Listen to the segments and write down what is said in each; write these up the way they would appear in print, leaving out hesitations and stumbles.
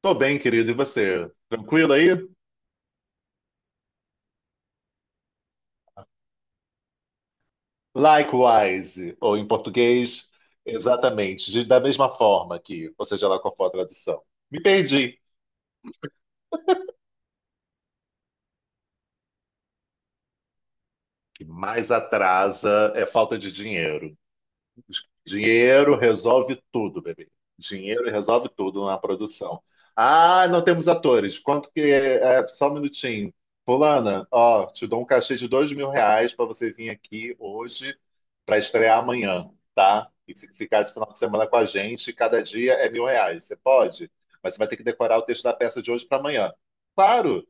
Tô bem, querido, e você? Tranquilo aí? Likewise, ou em português, exatamente, da mesma forma que, ou seja lá qual for a tradução. Me perdi. O que mais atrasa é falta de dinheiro. Dinheiro resolve tudo, bebê. Dinheiro resolve tudo na produção. Ah, não temos atores. Quanto que é? É, só um minutinho. Fulana, ó, te dou um cachê de dois mil reais para você vir aqui hoje para estrear amanhã, tá? E ficar esse final de semana com a gente. Cada dia é mil reais. Você pode? Mas você vai ter que decorar o texto da peça de hoje para amanhã. Claro.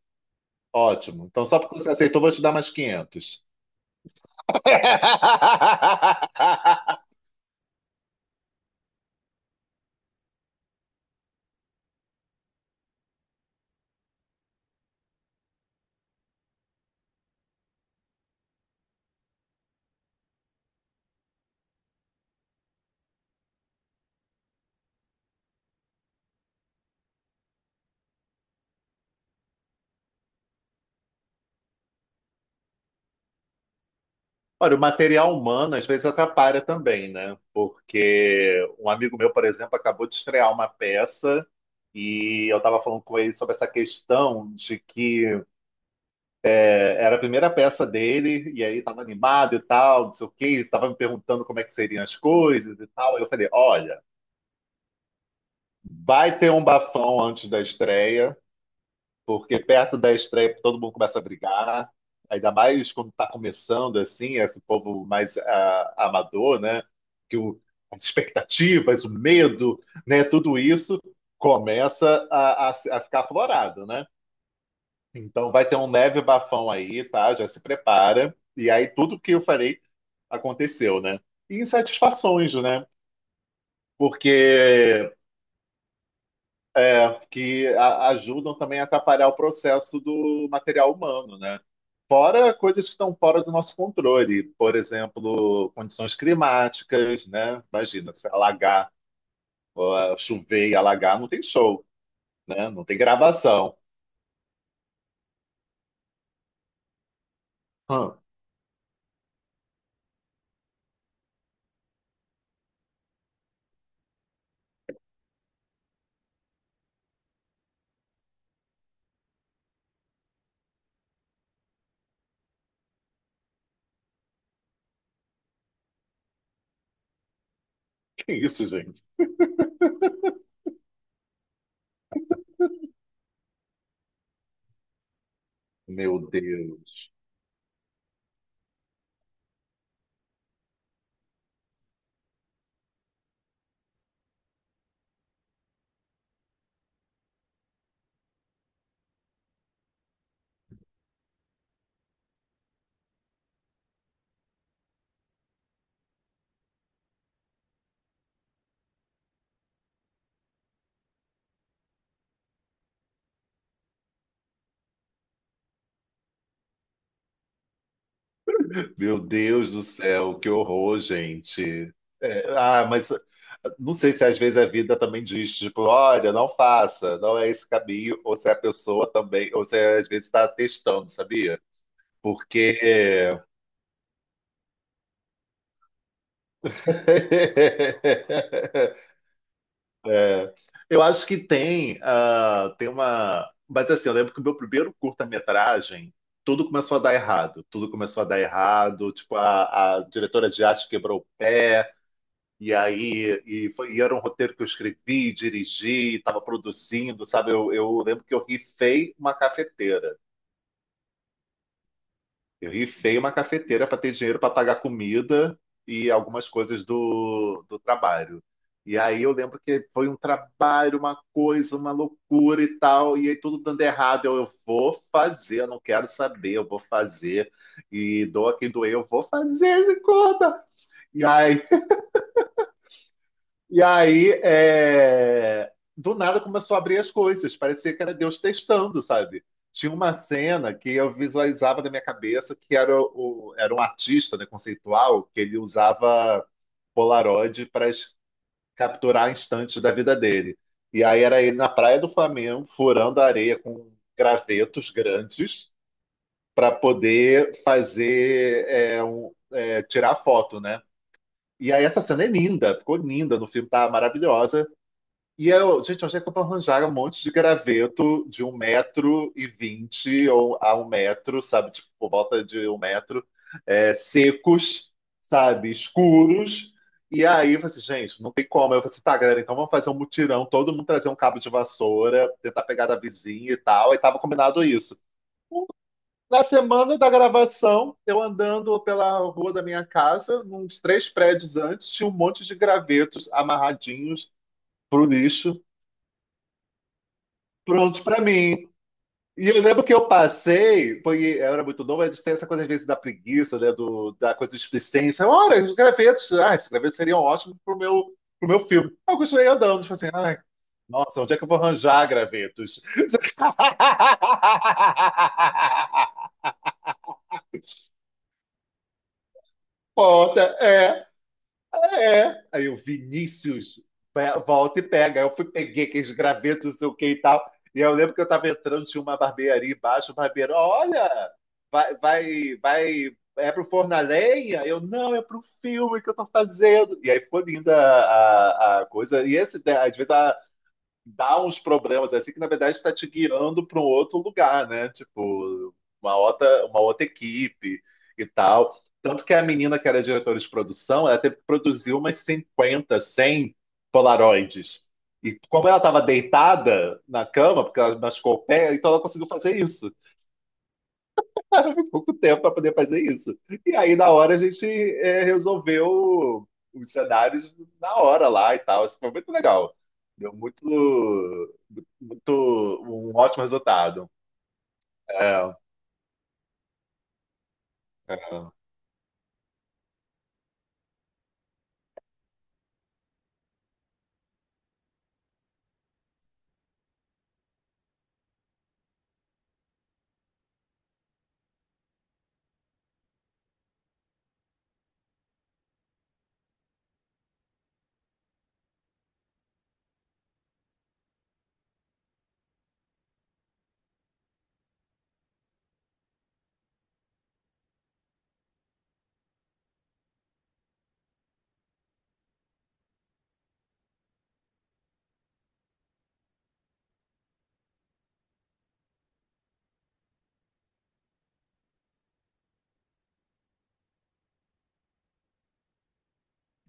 Ótimo. Então, só porque você aceitou, eu vou te dar mais 500. Olha, o material humano às vezes atrapalha também, né? Porque um amigo meu, por exemplo, acabou de estrear uma peça e eu estava falando com ele sobre essa questão de que era a primeira peça dele e aí estava animado e tal, não sei o quê, estava me perguntando como é que seriam as coisas e tal. Eu falei, olha, vai ter um bafão antes da estreia. Porque perto da estreia todo mundo começa a brigar, ainda mais quando está começando assim, esse povo mais amador, né? Que o- As expectativas, o medo, né? Tudo isso começa a ficar aflorado, né? Então vai ter um leve bafão aí, tá? Já se prepara. E aí tudo que eu falei aconteceu, né? E insatisfações, né? Porque é, ajudam também a atrapalhar o processo do material humano, né? Fora coisas que estão fora do nosso controle, por exemplo, condições climáticas, né? Imagina, se alagar, ó, chover e alagar, não tem show, né? Não tem gravação. Hã, que isso, gente? Meu Deus. Meu Deus do céu, que horror, gente. É, mas não sei se às vezes a vida também diz, tipo, olha, não faça, não é esse caminho, ou se a pessoa também, ou se às vezes está testando, sabia? Porque é, eu acho que tem, tem uma. Mas assim, eu lembro que o meu primeiro curta-metragem, tudo começou a dar errado. Tudo começou a dar errado. Tipo, a diretora de arte quebrou o pé. E aí, e, foi, e era um roteiro que eu escrevi, dirigi, estava produzindo, sabe? Eu lembro que eu rifei uma cafeteira. Eu rifei uma cafeteira para ter dinheiro para pagar comida e algumas coisas do trabalho. E aí eu lembro que foi um trabalho, uma coisa, uma loucura e tal, e aí tudo dando errado. Eu vou fazer, eu não quero saber, eu vou fazer. E doa quem doer, eu vou fazer, se conta. E aí E aí, é, do nada começou a abrir as coisas, parecia que era Deus testando, sabe? Tinha uma cena que eu visualizava na minha cabeça que era, o, era um artista, né, conceitual, que ele usava Polaroid para capturar instantes da vida dele. E aí era ele na praia do Flamengo, furando a areia com gravetos grandes para poder fazer tirar foto, né? E aí essa cena é linda, ficou linda no filme, tá maravilhosa. E eu, gente, onde é que eu vou arranjar um monte de graveto de um metro e vinte ou a um metro, sabe? Tipo, por volta de um metro, é, secos, sabe? Escuros. E aí, eu falei assim, gente, não tem como. Eu falei assim, tá, galera, então vamos fazer um mutirão, todo mundo trazer um cabo de vassoura, tentar pegar da vizinha e tal. E tava combinado isso. Na semana da gravação, eu andando pela rua da minha casa, uns três prédios antes, tinha um monte de gravetos amarradinhos pro lixo, prontos para mim. E eu lembro que eu passei, foi, eu era muito novo, a gente tem essa coisa às vezes da preguiça, né, da coisa de explicência. Olha, os gravetos, ah, esses gravetos seriam ótimos pro pro meu filme. Aí eu continuei andando, tipo assim, ai, nossa, onde é que eu vou arranjar gravetos? Foda, é. É. Aí o Vinícius volta e pega. Aí eu fui, peguei aqueles gravetos, não sei o que e tal. E eu lembro que eu tava entrando, tinha uma barbearia embaixo, o barbeiro, olha, vai, vai, vai, é pro forno a lenha? Eu, não, é pro filme que eu tô fazendo. E aí ficou linda a coisa. E esse, né, às vezes, a, dá uns problemas é assim que na verdade está te guiando para um outro lugar, né? Tipo, uma outra equipe e tal. Tanto que a menina que era diretora de produção, ela teve que produzir umas 50 100 Polaroids. E como ela estava deitada na cama, porque ela machucou o pé, então ela conseguiu fazer isso. pouco tempo para poder fazer isso. E aí, na hora, a gente é, resolveu os cenários na hora lá e tal. Isso foi muito legal. Deu muito, muito um ótimo resultado. É, é,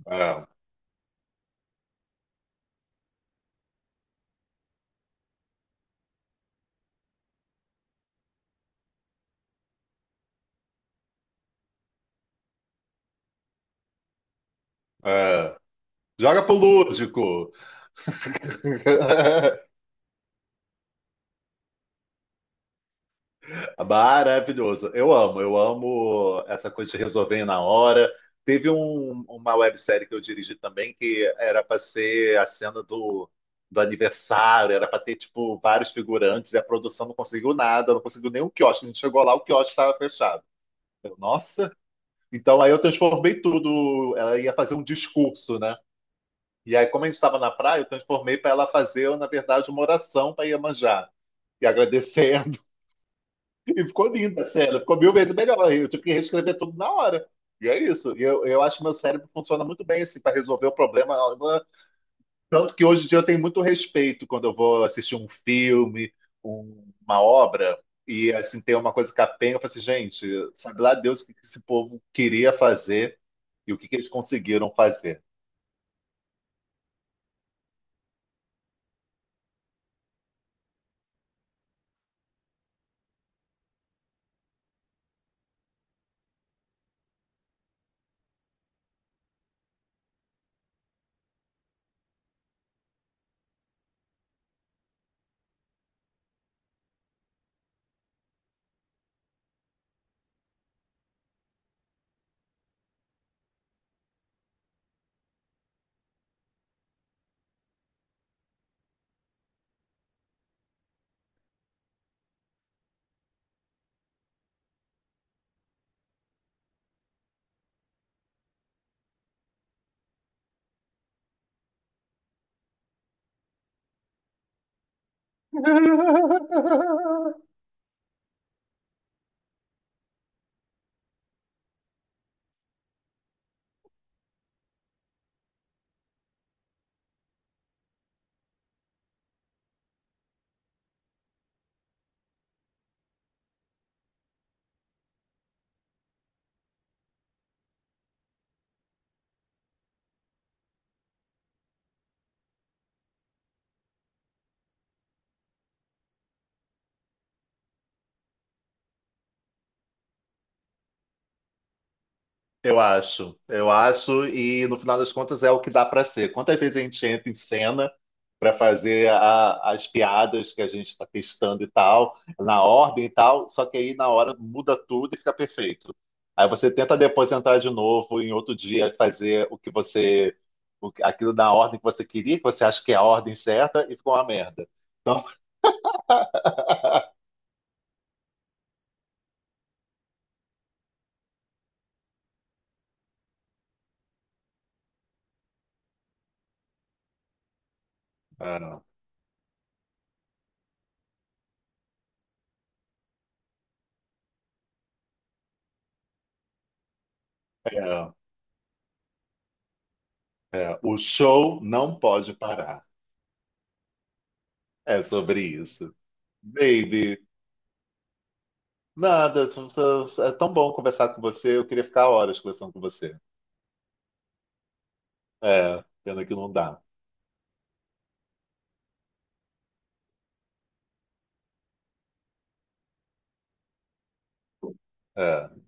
é, é. Joga pro lúdico! Maravilhoso. Eu amo essa coisa de resolver na hora. Teve uma websérie que eu dirigi também que era para ser a cena do aniversário, era para ter tipo vários figurantes e a produção não conseguiu nada, não conseguiu nenhum quiosque. A gente chegou lá, o quiosque estava fechado. Eu, nossa, então aí eu transformei tudo. Ela ia fazer um discurso, né? E aí, como a gente estava na praia, eu transformei para ela fazer, na verdade, uma oração para Iemanjá e agradecer e ficou linda a cena, ficou mil vezes melhor. Eu tive que reescrever tudo na hora. E é isso. E eu acho que meu cérebro funciona muito bem assim para resolver o problema. Tanto que hoje em dia eu tenho muito respeito quando eu vou assistir um filme, uma obra, e assim tem uma coisa capenga. Eu falo assim, gente, sabe lá Deus o que que esse povo queria fazer e o que que eles conseguiram fazer. Eu acho, e no final das contas é o que dá para ser. Quantas vezes a gente entra em cena para fazer as piadas que a gente está testando e tal, na ordem e tal, só que aí na hora muda tudo e fica perfeito. Aí você tenta depois entrar de novo em outro dia e fazer o que você, aquilo na ordem que você queria, que você acha que é a ordem certa e ficou uma merda. Então, é, é, o show não pode parar. É sobre isso. Baby. Nada, é tão bom conversar com você. Eu queria ficar horas conversando com você. É, pena que não dá. É.